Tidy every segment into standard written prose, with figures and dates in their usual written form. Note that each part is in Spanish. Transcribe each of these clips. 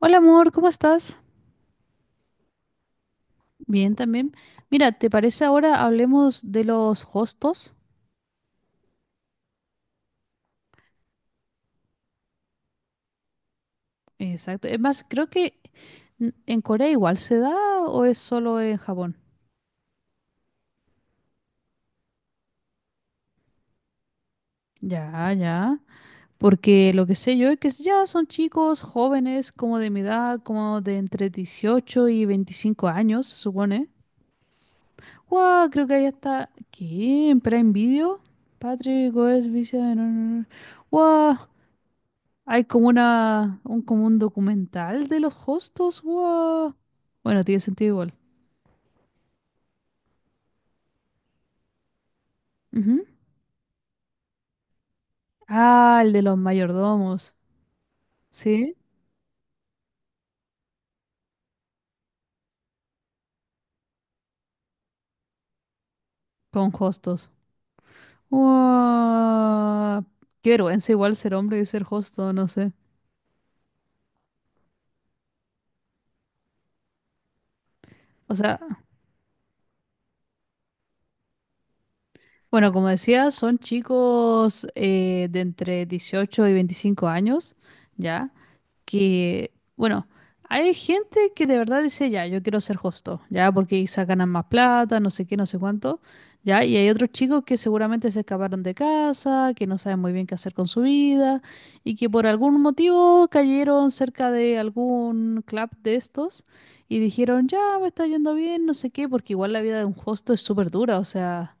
Hola amor, ¿cómo estás? Bien también. Mira, ¿te parece ahora hablemos de los hostos? Exacto. Es más, creo que en Corea igual se da o es solo en Japón. Ya, ya. Porque lo que sé yo es que ya son chicos jóvenes, como de mi edad, como de entre 18 y 25 años, se supone. ¡Wow! Creo que ahí está. ¿Qué? ¿En Prime Video? Patrick, Goes, Visa. ¡Wow! Hay como un documental de los hostos. Guau. Bueno, tiene sentido igual. Ujú. Ah, el de los mayordomos. Sí, con hostos. Guau. Qué vergüenza igual ser hombre y ser hosto, no sé. O sea, bueno, como decía, son chicos de entre 18 y 25 años, ¿ya? Que, bueno, hay gente que de verdad dice, ya, yo quiero ser hosto, ya, porque quizá ganan más plata, no sé qué, no sé cuánto, ya, y hay otros chicos que seguramente se escaparon de casa, que no saben muy bien qué hacer con su vida, y que por algún motivo cayeron cerca de algún club de estos y dijeron, ya, me está yendo bien, no sé qué, porque igual la vida de un hosto es súper dura, o sea.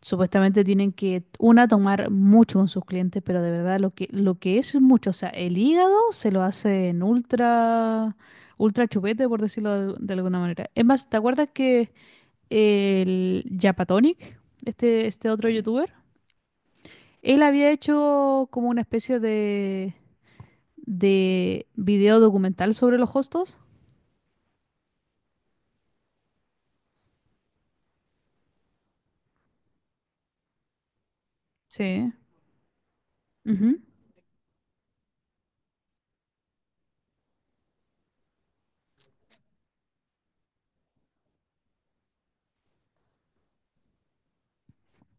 Supuestamente tienen que, una, tomar mucho con sus clientes, pero de verdad lo que es mucho, o sea, el hígado se lo hacen ultra, ultra chupete, por decirlo de, alguna manera. Es más, ¿te acuerdas que el Japatonic, este otro youtuber, él había hecho como una especie de video documental sobre los hostos? Sí. Ujú.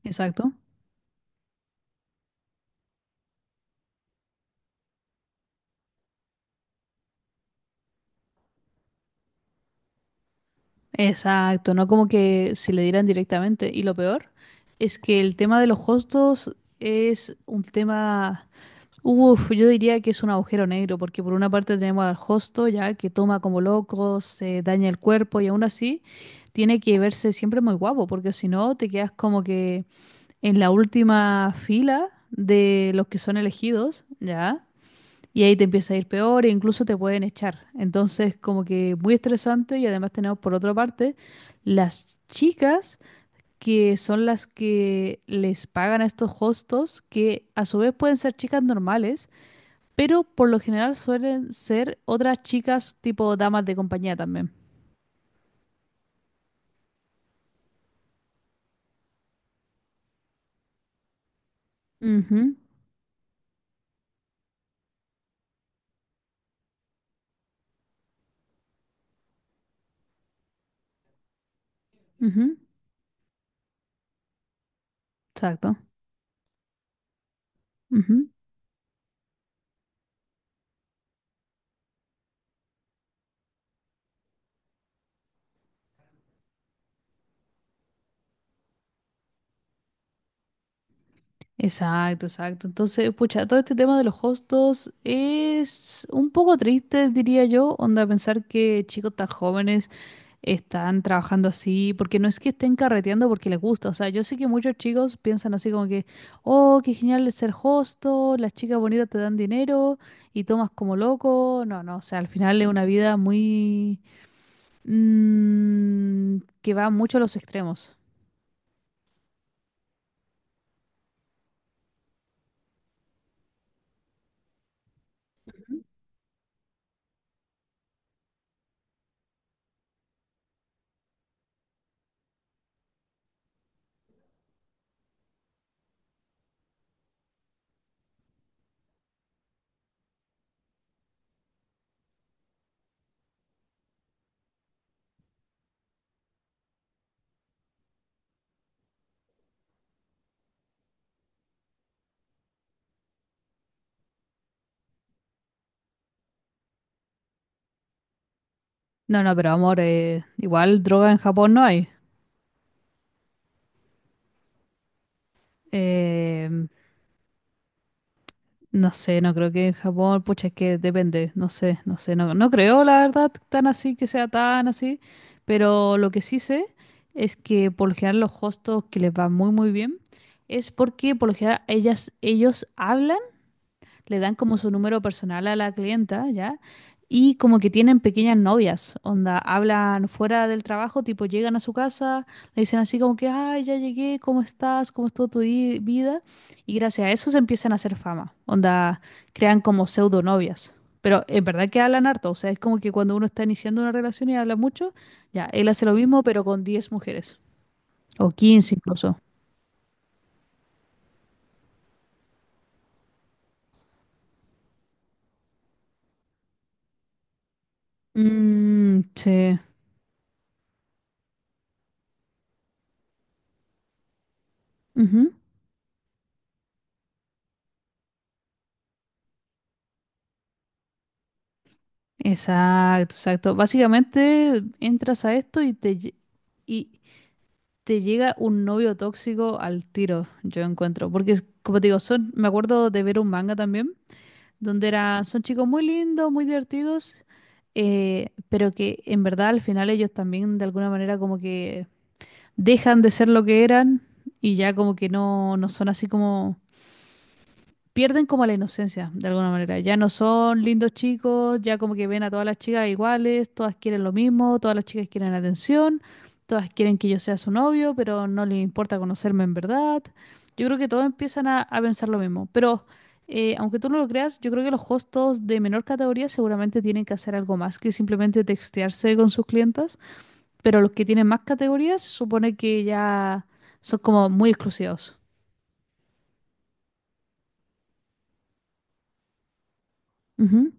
Exacto. Exacto, no como que se le dieran directamente. Y lo peor es que el tema de los costos es un tema, uf, yo diría que es un agujero negro, porque por una parte tenemos al hosto ya que toma como loco, se daña el cuerpo y aún así tiene que verse siempre muy guapo, porque si no te quedas como que en la última fila de los que son elegidos, ¿ya? Y ahí te empieza a ir peor e incluso te pueden echar. Entonces, como que muy estresante y además tenemos por otra parte las chicas que son las que les pagan a estos hostos, que a su vez pueden ser chicas normales, pero por lo general suelen ser otras chicas tipo damas de compañía también. Ujú, ujú, exacto. Exacto, exacto. Entonces, pucha, todo este tema de los hostos es un poco triste, diría yo, onda pensar que chicos tan jóvenes están trabajando así, porque no es que estén carreteando porque les gusta, o sea, yo sé que muchos chicos piensan así como que, oh, qué genial es ser hosto, las chicas bonitas te dan dinero y tomas como loco, no, no, o sea, al final es una vida muy, que va mucho a los extremos. No, no, pero amor, igual droga en Japón no hay. Em, No sé, no creo que en Japón, pucha, es que depende, no sé, no sé, no, no creo la verdad tan así que sea tan así, pero lo que sí sé es que por lo general los hostos que les va muy muy bien es porque por lo general ellos hablan le dan como su número personal a la clienta, ¿ya? Y como que tienen pequeñas novias, onda, hablan fuera del trabajo, tipo llegan a su casa, le dicen así como que, ay, ya llegué, ¿cómo estás? ¿Cómo estuvo tu vida? Y gracias a eso se empiezan a hacer fama, onda, crean como pseudo novias. Pero en verdad que hablan harto, o sea, es como que cuando uno está iniciando una relación y habla mucho, ya, él hace lo mismo, pero con 10 mujeres, o 15 incluso. Mm, sí. Exacto, exacto. Básicamente entras a esto y y te llega un novio tóxico al tiro, yo encuentro. Porque, como te digo, son, me acuerdo de ver un manga también, donde son chicos muy lindos, muy divertidos, pero que en verdad al final ellos también de alguna manera como que dejan de ser lo que eran y ya como que no son así como pierden como la inocencia, de alguna manera. Ya no son lindos chicos, ya como que ven a todas las chicas iguales, todas quieren lo mismo, todas las chicas quieren atención, todas quieren que yo sea su novio, pero no les importa conocerme en verdad. Yo creo que todos empiezan a pensar lo mismo. Pero aunque tú no lo creas, yo creo que los hostos de menor categoría seguramente tienen que hacer algo más que simplemente textearse con sus clientas. Pero los que tienen más categorías se supone que ya son como muy exclusivos. Ujú,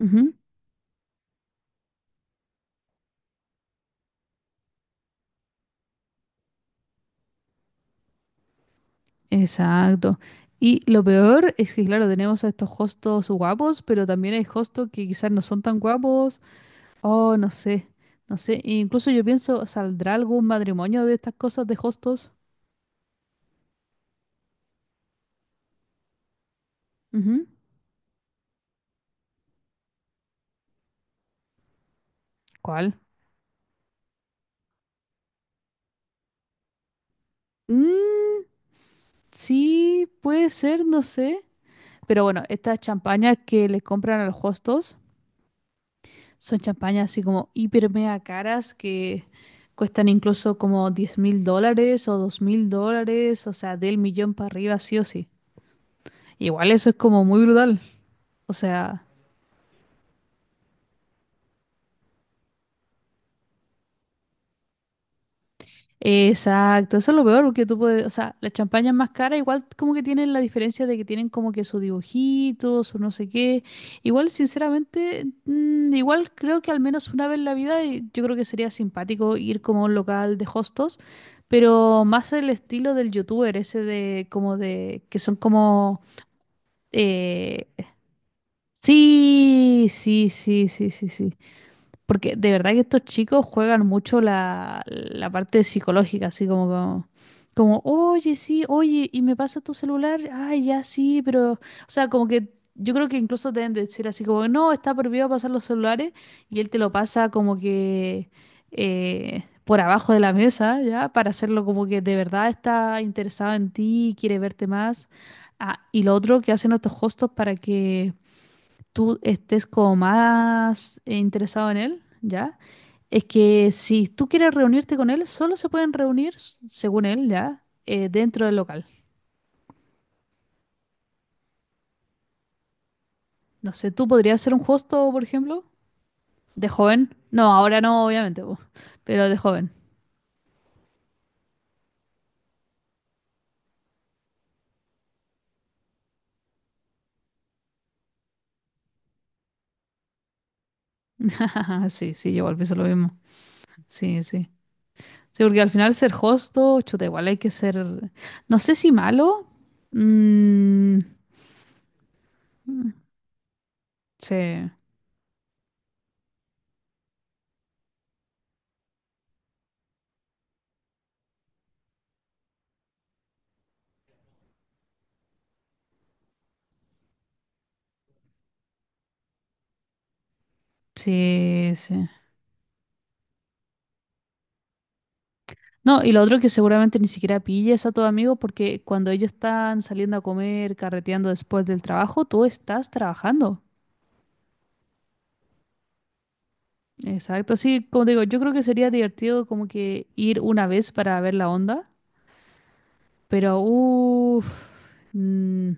ujú. Exacto. Y lo peor es que, claro, tenemos a estos hostos guapos, pero también hay hostos que quizás no son tan guapos. Oh, no sé, no sé. E incluso yo pienso, ¿saldrá algún matrimonio de estas cosas de hostos? Ujú. ¿Cuál? Mm, sí, puede ser, no sé. Pero bueno, estas champañas que les compran a los hostos son champañas así como hiper mega caras que cuestan incluso como $10.000 o $2.000, o sea, del millón para arriba, sí o sí. Igual eso es como muy brutal. O sea, exacto, eso es lo peor porque tú puedes, o sea, las champañas más caras igual como que tienen la diferencia de que tienen como que sus dibujitos, su no sé qué. Igual, sinceramente, igual creo que al menos una vez en la vida yo creo que sería simpático ir como a un local de hostos, pero más el estilo del youtuber ese de como de que son como eh, sí, sí, sí, sí, sí, sí. Porque de verdad que estos chicos juegan mucho la parte psicológica, así como, oye, sí, oye, y me pasa tu celular, ay, ya sí, pero, o sea, como que yo creo que incluso deben decir así como, no, está prohibido pasar los celulares, y él te lo pasa como que por abajo de la mesa, ¿ya? Para hacerlo como que de verdad está interesado en ti, quiere verte más. Ah, y lo otro que hacen estos hostos para que tú estés como más interesado en él, ¿ya? Es que si tú quieres reunirte con él, solo se pueden reunir, según él, ¿ya? Dentro del local. No sé, ¿tú podrías ser un hosto, por ejemplo? ¿De joven? No, ahora no, obviamente, po, pero de joven. Sí, sí, yo igual pienso lo mismo. Sí, sí. Sí, porque al final ser hosto, chuta, igual hay que ser, no sé si malo. Mm, sí, sí, sí. No, y lo otro que seguramente ni siquiera pilles a tu amigo porque cuando ellos están saliendo a comer, carreteando después del trabajo, tú estás trabajando. Exacto, sí, como te digo, yo creo que sería divertido como que ir una vez para ver la onda, pero uff, mm,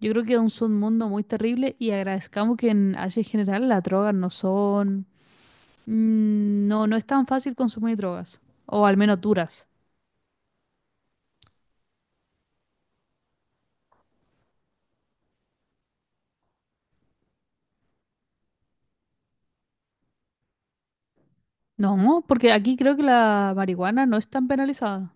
yo creo que aún es un mundo muy terrible y agradezcamos que en Asia en general las drogas no son, no, no es tan fácil consumir drogas, o al menos duras. No, porque aquí creo que la marihuana no es tan penalizada.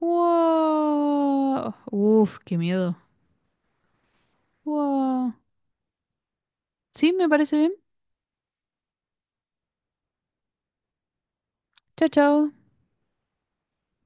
Wow. Uf, qué miedo. Wow. Sí, me parece bien. Chao, chao.